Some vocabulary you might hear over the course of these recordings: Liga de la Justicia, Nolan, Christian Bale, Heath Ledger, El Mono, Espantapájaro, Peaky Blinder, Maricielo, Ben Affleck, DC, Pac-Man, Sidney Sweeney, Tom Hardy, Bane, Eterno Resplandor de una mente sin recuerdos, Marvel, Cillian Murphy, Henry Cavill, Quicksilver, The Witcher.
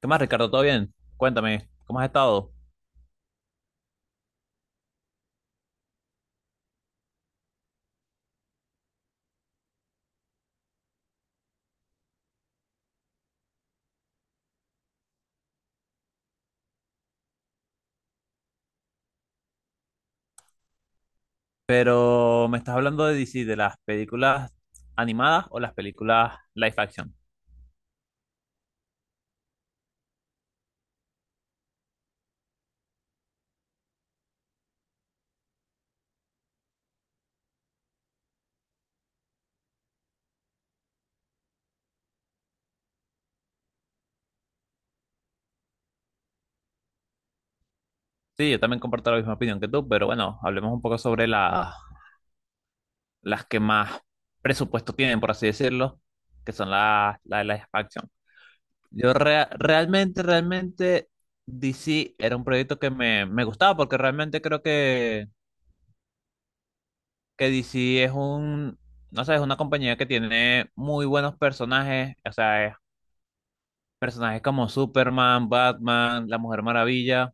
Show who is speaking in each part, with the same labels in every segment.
Speaker 1: ¿Qué más, Ricardo? ¿Todo bien? Cuéntame, ¿cómo has estado? Pero me estás hablando de DC, ¿de las películas animadas o las películas live action? Sí, yo también comparto la misma opinión que tú, pero bueno, hablemos un poco sobre las que más presupuesto tienen, por así decirlo, que son las de live action. Realmente, DC era un proyecto que me gustaba porque realmente creo que DC es un, no sé, es una compañía que tiene muy buenos personajes. O sea, es personajes como Superman, Batman, La Mujer Maravilla,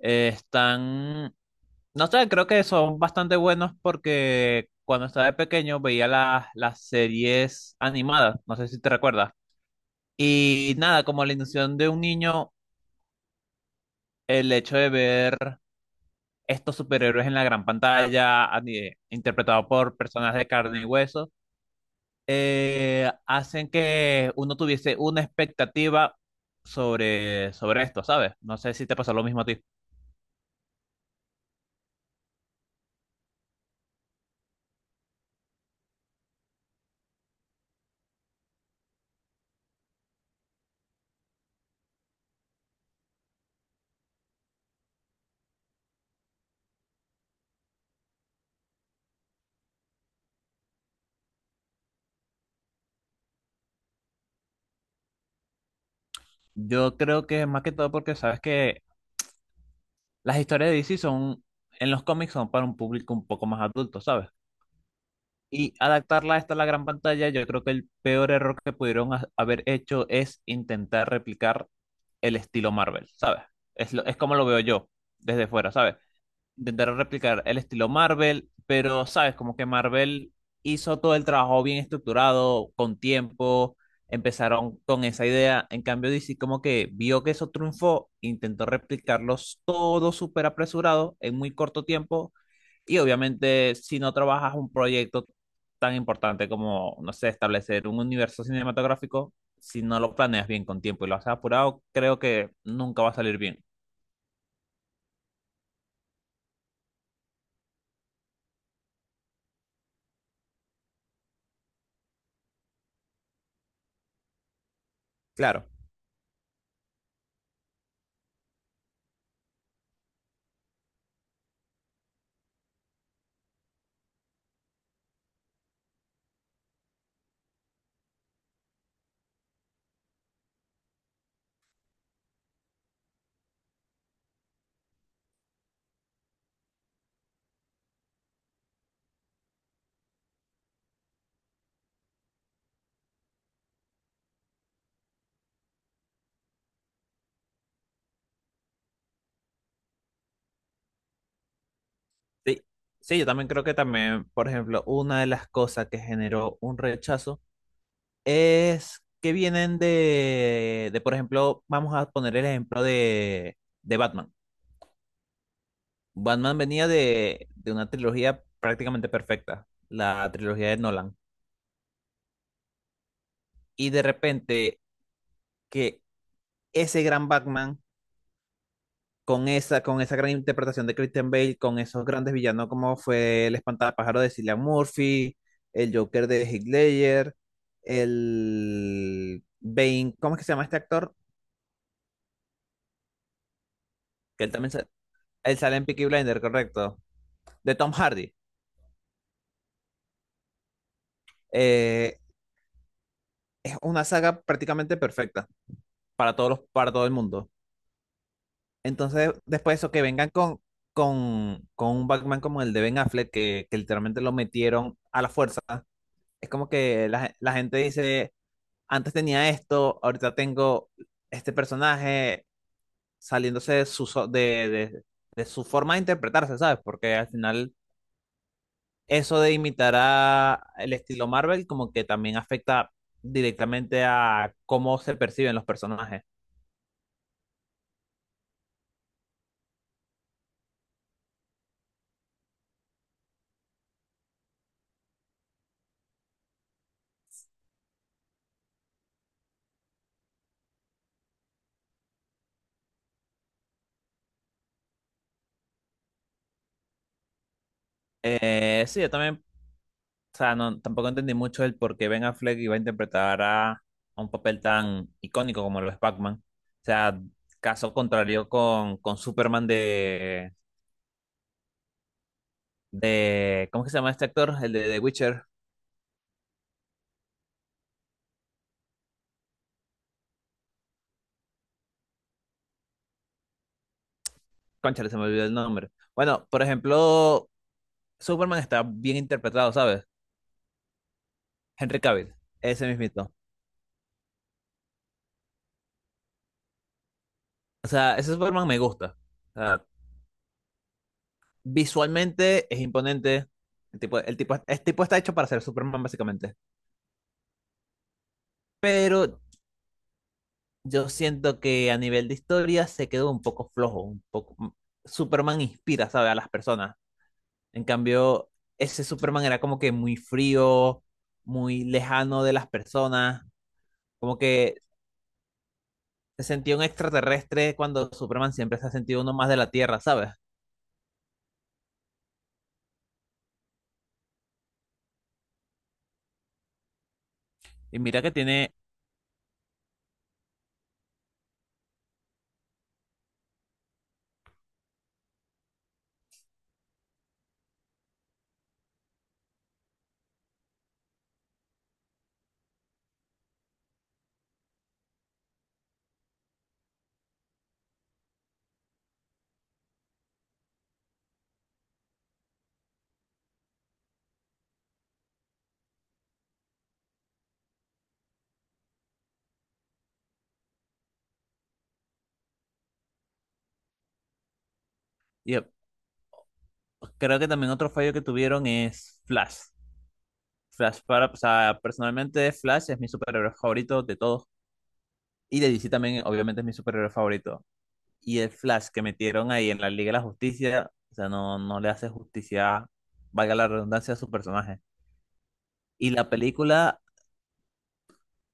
Speaker 1: están, no sé, creo que son bastante buenos porque cuando estaba de pequeño veía las series animadas, no sé si te recuerdas. Y nada, como la ilusión de un niño, el hecho de ver estos superhéroes en la gran pantalla, interpretados por personas de carne y hueso, hacen que uno tuviese una expectativa sobre esto, ¿sabes? No sé si te pasó lo mismo a ti. Yo creo que más que todo porque sabes que las historias de DC son, en los cómics son, para un público un poco más adulto, ¿sabes? Y adaptarla a esta a la gran pantalla, yo creo que el peor error que pudieron haber hecho es intentar replicar el estilo Marvel, ¿sabes? Es como lo veo yo desde fuera, ¿sabes? Intentaron replicar el estilo Marvel, pero sabes, como que Marvel hizo todo el trabajo bien estructurado, con tiempo, empezaron con esa idea. En cambio, DC como que vio que eso triunfó, intentó replicarlos todo súper apresurado en muy corto tiempo. Y obviamente, si no trabajas un proyecto tan importante como, no sé, establecer un universo cinematográfico, si no lo planeas bien con tiempo y lo haces apurado, creo que nunca va a salir bien. Claro. Sí, sí, yo también creo que también, por ejemplo, una de las cosas que generó un rechazo es que vienen de por ejemplo, vamos a poner el ejemplo de Batman. Batman venía de una trilogía prácticamente perfecta, la trilogía de Nolan. Y de repente que ese gran Batman con esa gran interpretación de Christian Bale, con esos grandes villanos como fue el Espantapájaro de Cillian Murphy, el Joker de Heath Ledger, el Bane, ¿cómo es que se llama este actor? Que él también sa- Él sale en Peaky Blinder, correcto, de Tom Hardy. Eh, es una saga prácticamente perfecta para todos para todo el mundo. Entonces, después de eso, que vengan con un Batman como el de Ben Affleck, que literalmente lo metieron a la fuerza, es como que la gente dice: antes tenía esto, ahorita tengo este personaje saliéndose de de su forma de interpretarse, ¿sabes? Porque al final eso de imitar a el estilo Marvel como que también afecta directamente a cómo se perciben los personajes. Sí, yo también, o sea, no, tampoco entendí mucho el por qué Ben Affleck iba a interpretar a un papel tan icónico como lo es Pac-Man. O sea, caso contrario con Superman de, ¿cómo que se llama este actor? El de The Witcher. Cónchale, se me olvidó el nombre. Bueno, por ejemplo, Superman está bien interpretado, ¿sabes? Henry Cavill, ese mismito. O sea, ese Superman me gusta. O sea, visualmente es imponente. El tipo, este tipo está hecho para ser Superman, básicamente. Pero yo siento que a nivel de historia se quedó un poco flojo, un poco... Superman inspira, ¿sabes? A las personas. En cambio, ese Superman era como que muy frío, muy lejano de las personas, como que se sentía un extraterrestre cuando Superman siempre se ha sentido uno más de la Tierra, ¿sabes? Y mira que tiene, y creo que también otro fallo que tuvieron es Flash. Flash para, o sea, personalmente Flash es mi superhéroe favorito de todos. Y de DC también, obviamente, es mi superhéroe favorito. Y el Flash que metieron ahí en la Liga de la Justicia, o sea, no, no le hace justicia, valga la redundancia, a su personaje. Y la película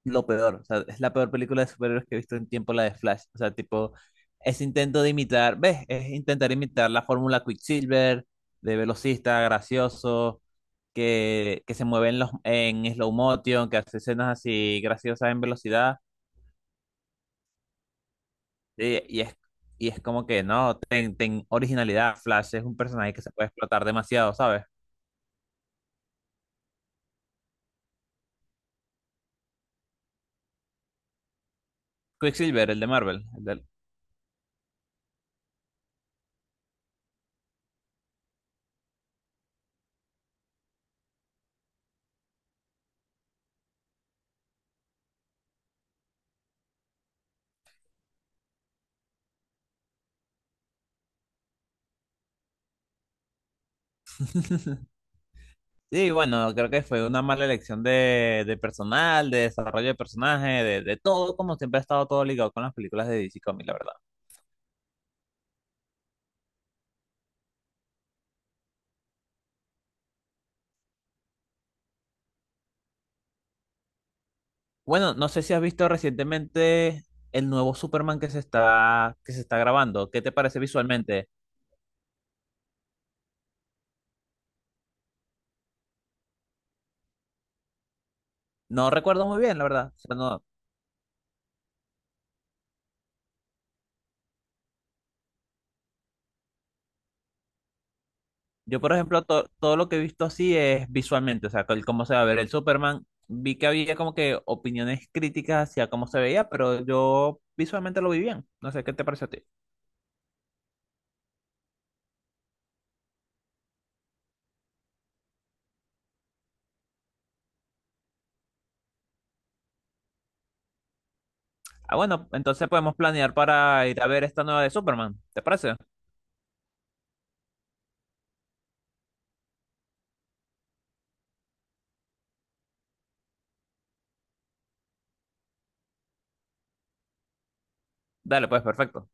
Speaker 1: lo peor. O sea, es la peor película de superhéroes que he visto en tiempo, la de Flash. O sea, tipo, es intento de imitar, ¿ves? Es intentar imitar la fórmula Quicksilver, de velocista, gracioso, que se mueve en slow motion, que hace escenas así graciosas en velocidad. Y, y es, y es como que no, ten originalidad. Flash es un personaje que se puede explotar demasiado, ¿sabes? Quicksilver, el de Marvel, el de. Sí, bueno, creo que fue una mala elección de personal, de desarrollo de personaje, de todo, como siempre ha estado todo ligado con las películas de DC Comics, la verdad. Bueno, no sé si has visto recientemente el nuevo Superman que que se está grabando. ¿Qué te parece visualmente? No recuerdo muy bien, la verdad. O sea, yo, por ejemplo, todo lo que he visto así es visualmente, o sea, el cómo se va a ver el Superman. Vi que había como que opiniones críticas hacia cómo se veía, pero yo visualmente lo vi bien. No sé, ¿qué te parece a ti? Ah, bueno, entonces podemos planear para ir a ver esta nueva de Superman. ¿Te parece? Dale, pues, perfecto.